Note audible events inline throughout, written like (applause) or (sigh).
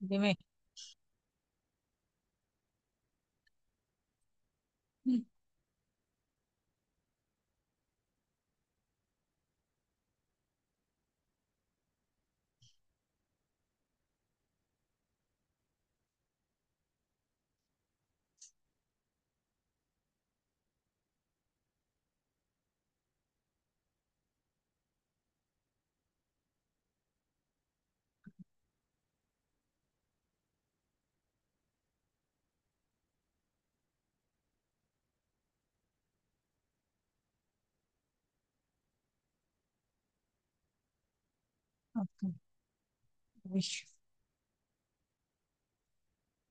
Dime. Mm. Ok. Uy.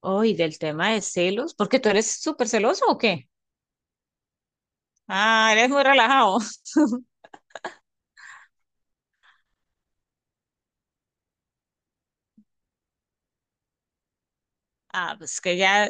¿Uy, del tema de celos, porque tú eres súper celoso o qué? Ah, eres muy relajado. (laughs) Ah, pues que ya.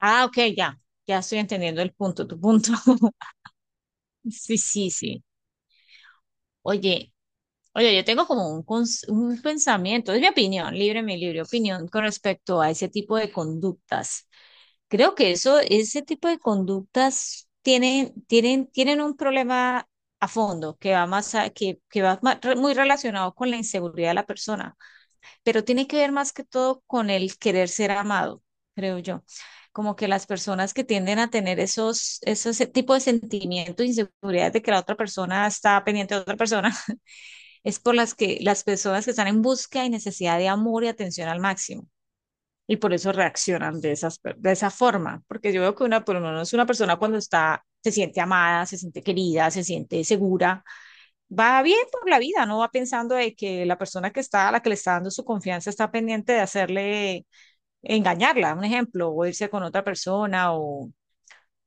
Ah, ok, ya, ya estoy entendiendo el punto, tu punto. (laughs) Sí, sí, sí. Oye, oye, yo tengo como un, un pensamiento, es mi opinión, libre, mi libre opinión con respecto a ese tipo de conductas. Creo que eso, ese tipo de conductas tienen un problema a fondo, que va más que va muy relacionado con la inseguridad de la persona, pero tiene que ver más que todo con el querer ser amado, creo yo. Como que las personas que tienden a tener esos, esos tipos de sentimientos, inseguridades de que la otra persona está pendiente de otra persona, (laughs) es por las que las personas que están en busca y necesidad de amor y atención al máximo, y por eso reaccionan de esas, de esa forma, porque yo veo que una, por lo menos una persona, cuando está, se siente amada, se siente querida, se siente segura, va bien por la vida, no va pensando de que la persona que está, a la que le está dando su confianza, está pendiente de hacerle, engañarla, un ejemplo, o irse con otra persona, o,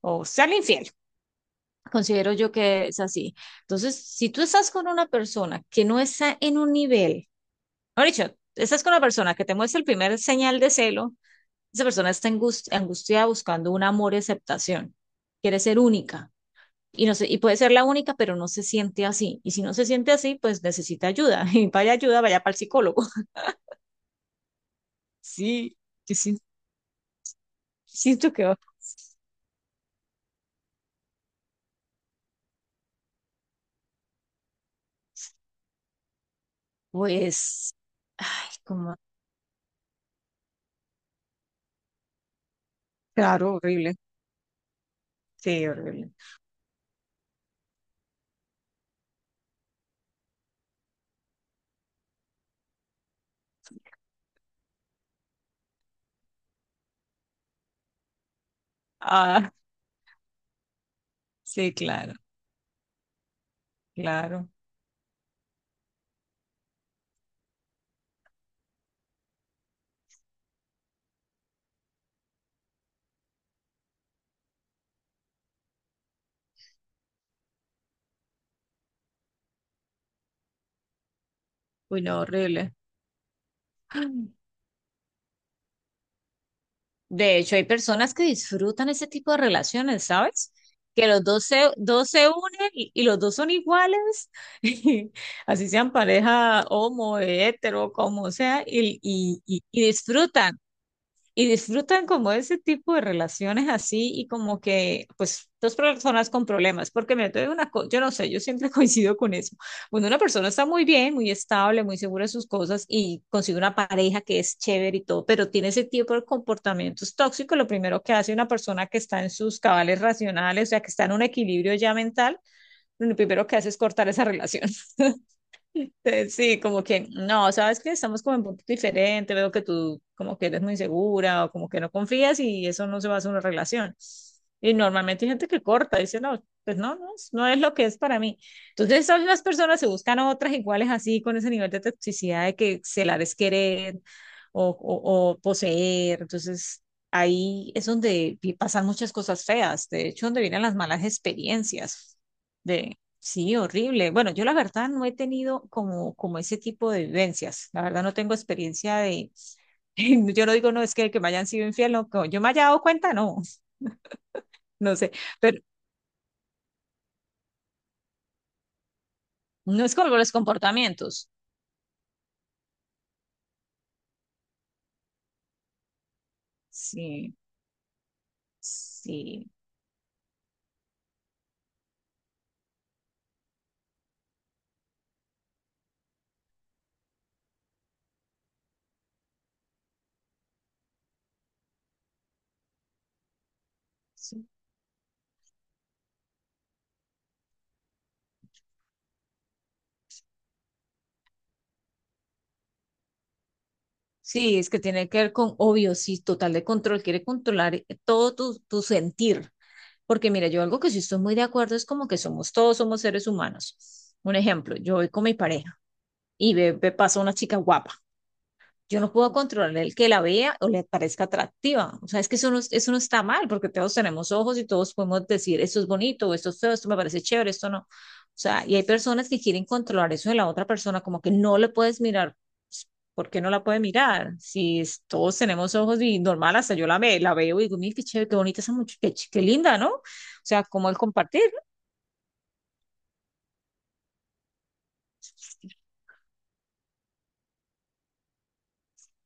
o serle infiel. Considero yo que es así. Entonces, si tú estás con una persona que no está en un nivel, no dicho, estás con una persona que te muestra el primer señal de celo, esa persona está angustiada, buscando un amor y aceptación. Quiere ser única. Y no sé, y puede ser la única, pero no se siente así. Y si no se siente así, pues necesita ayuda. (laughs) Y vaya ayuda, vaya para el psicólogo. (laughs) Sí, yo sí- siento que, pues, ay, como, claro, horrible. Sí, horrible. Ah, sí, claro, claro. Uy, no, horrible. De hecho, hay personas que disfrutan ese tipo de relaciones, ¿sabes? Que dos se unen, y los dos son iguales, (laughs) así sean pareja homo, hetero, como sea, y disfrutan, y disfrutan como ese tipo de relaciones así y, como que, pues, dos personas con problemas, porque me doy una cosa, yo no sé, yo siempre (laughs) coincido con eso. Cuando una persona está muy bien, muy estable, muy segura de sus cosas, y consigue una pareja que es chévere y todo, pero tiene ese tipo de comportamientos tóxicos, lo primero que hace una persona que está en sus cabales racionales, o sea, que está en un equilibrio ya mental, lo primero que hace es cortar esa relación. (laughs) (laughs) Sí, como que no, sabes que estamos como en punto diferente, veo que tú como que eres muy segura, o como que no confías, y eso no se va a hacer una relación. Y normalmente hay gente que corta, dice, no, pues no, no, no es lo que es para mí. Entonces, son las personas, se buscan otras iguales así, con ese nivel de toxicidad de que celar es querer, o poseer. Entonces, ahí es donde pasan muchas cosas feas, de hecho, donde vienen las malas experiencias. Sí, horrible. Bueno, yo la verdad no he tenido como, como ese tipo de vivencias. La verdad no tengo experiencia de, (laughs) yo no digo, no, es que me hayan sido infiel, no, yo me haya dado cuenta, no. (laughs) No sé, pero no es como los comportamientos. Sí, sí, sí. Sí, es que tiene que ver con, obvio, sí, total de control, quiere controlar todo tu, tu sentir. Porque mira, yo algo que sí estoy muy de acuerdo es como que somos todos, somos seres humanos. Un ejemplo, yo voy con mi pareja y pasa una chica guapa. Yo no puedo controlar el que la vea o le parezca atractiva. O sea, es que eso no está mal, porque todos tenemos ojos y todos podemos decir, esto es bonito, o esto es feo, esto me parece chévere, esto no. O sea, y hay personas que quieren controlar eso de la otra persona, como que no le puedes mirar. Pues, ¿por qué no la puede mirar? Si es- Todos tenemos ojos y normal, hasta yo la veo y digo, mira, qué chévere, qué bonita esa muchacha, qué, qué linda, ¿no? O sea, como el compartir.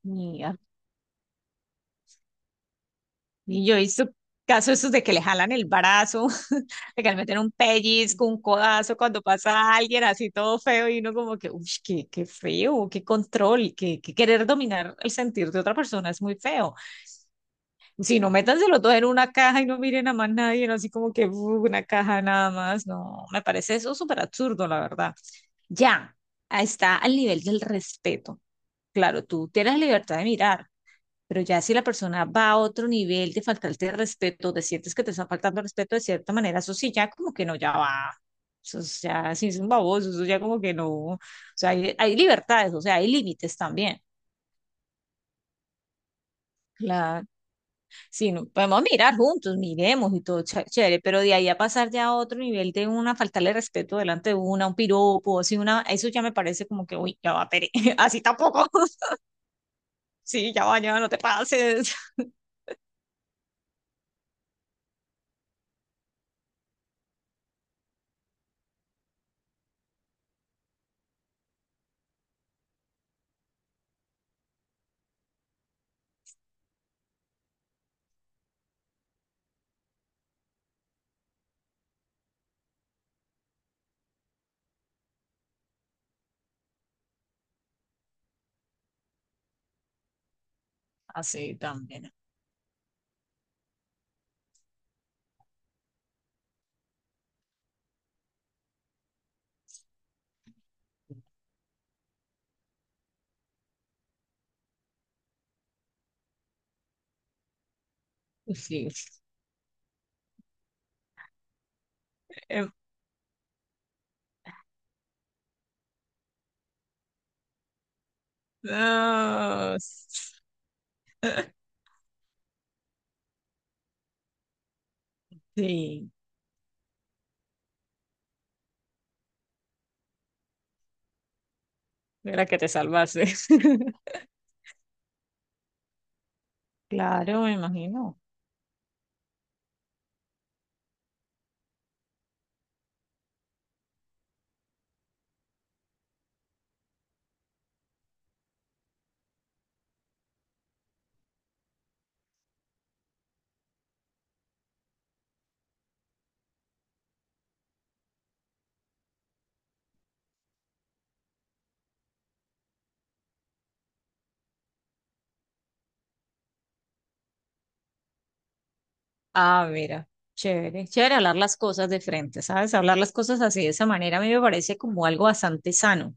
Y Y yo he visto casos esos de que le jalan el brazo, (laughs) de que le meten un pellizco, un codazo cuando pasa alguien así todo feo, y uno como que, uy, qué, qué feo, qué control, que querer dominar el sentir de otra persona es muy feo. Si no, métanselo todo en una caja y no miren a más nadie, no, así como que "uh, una caja nada más", no, me parece eso súper absurdo, la verdad. Ya, ahí está al nivel del respeto. Claro, tú tienes libertad de mirar, pero ya si la persona va a otro nivel de faltarte el respeto, te sientes que te está faltando el respeto de cierta manera, eso sí, ya como que no, ya va. Eso es ya, sí es un baboso, eso ya como que no. O sea, hay libertades, o sea, hay límites también. Claro. Sí, no, podemos mirar juntos, miremos y todo chévere, pero de ahí a pasar ya a otro nivel de una, faltarle respeto, delante de una, un piropo, así una, eso ya me parece como que, uy, ya va, pere, (laughs) así tampoco. (laughs) Sí, ya va, ya no te pases, así también, sí. (laughs) No. (laughs) Sí, mira que te salvaste. (laughs) Claro, me imagino. Ah, mira, chévere, chévere hablar las cosas de frente, ¿sabes? Hablar las cosas así de esa manera a mí me parece como algo bastante sano.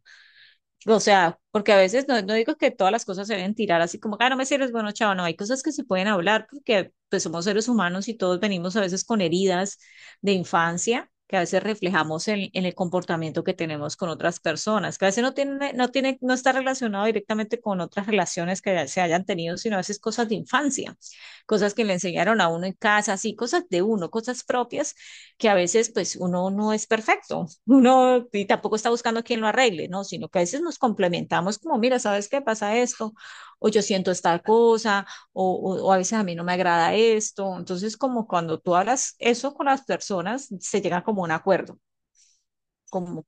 O sea, porque a veces no, no digo que todas las cosas se deben tirar así como, ah, no me sirves, bueno, chao, no, hay cosas que se pueden hablar, porque pues somos seres humanos y todos venimos a veces con heridas de infancia, que a veces reflejamos en el comportamiento que tenemos con otras personas, que a veces no tiene, no está relacionado directamente con otras relaciones que se hayan tenido, sino a veces cosas de infancia, cosas que le enseñaron a uno en casa, así, cosas de uno, cosas propias, que a veces pues uno no es perfecto, (laughs) uno y tampoco está buscando a quien lo arregle, ¿no? Sino que a veces nos complementamos como, mira, ¿sabes qué pasa esto? O yo siento esta cosa, o a veces a mí no me agrada esto. Entonces, como cuando tú hablas eso con las personas, se llega como a un acuerdo, como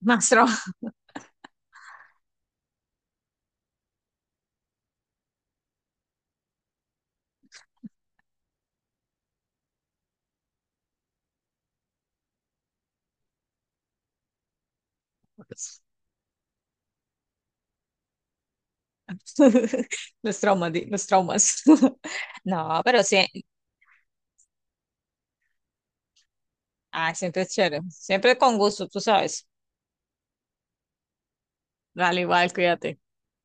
más traumas, (laughs) los traumas, los traumas. (laughs) No, pero sí, ah, siempre es chévere, siempre con gusto, tú sabes. Dale, igual, cuídate.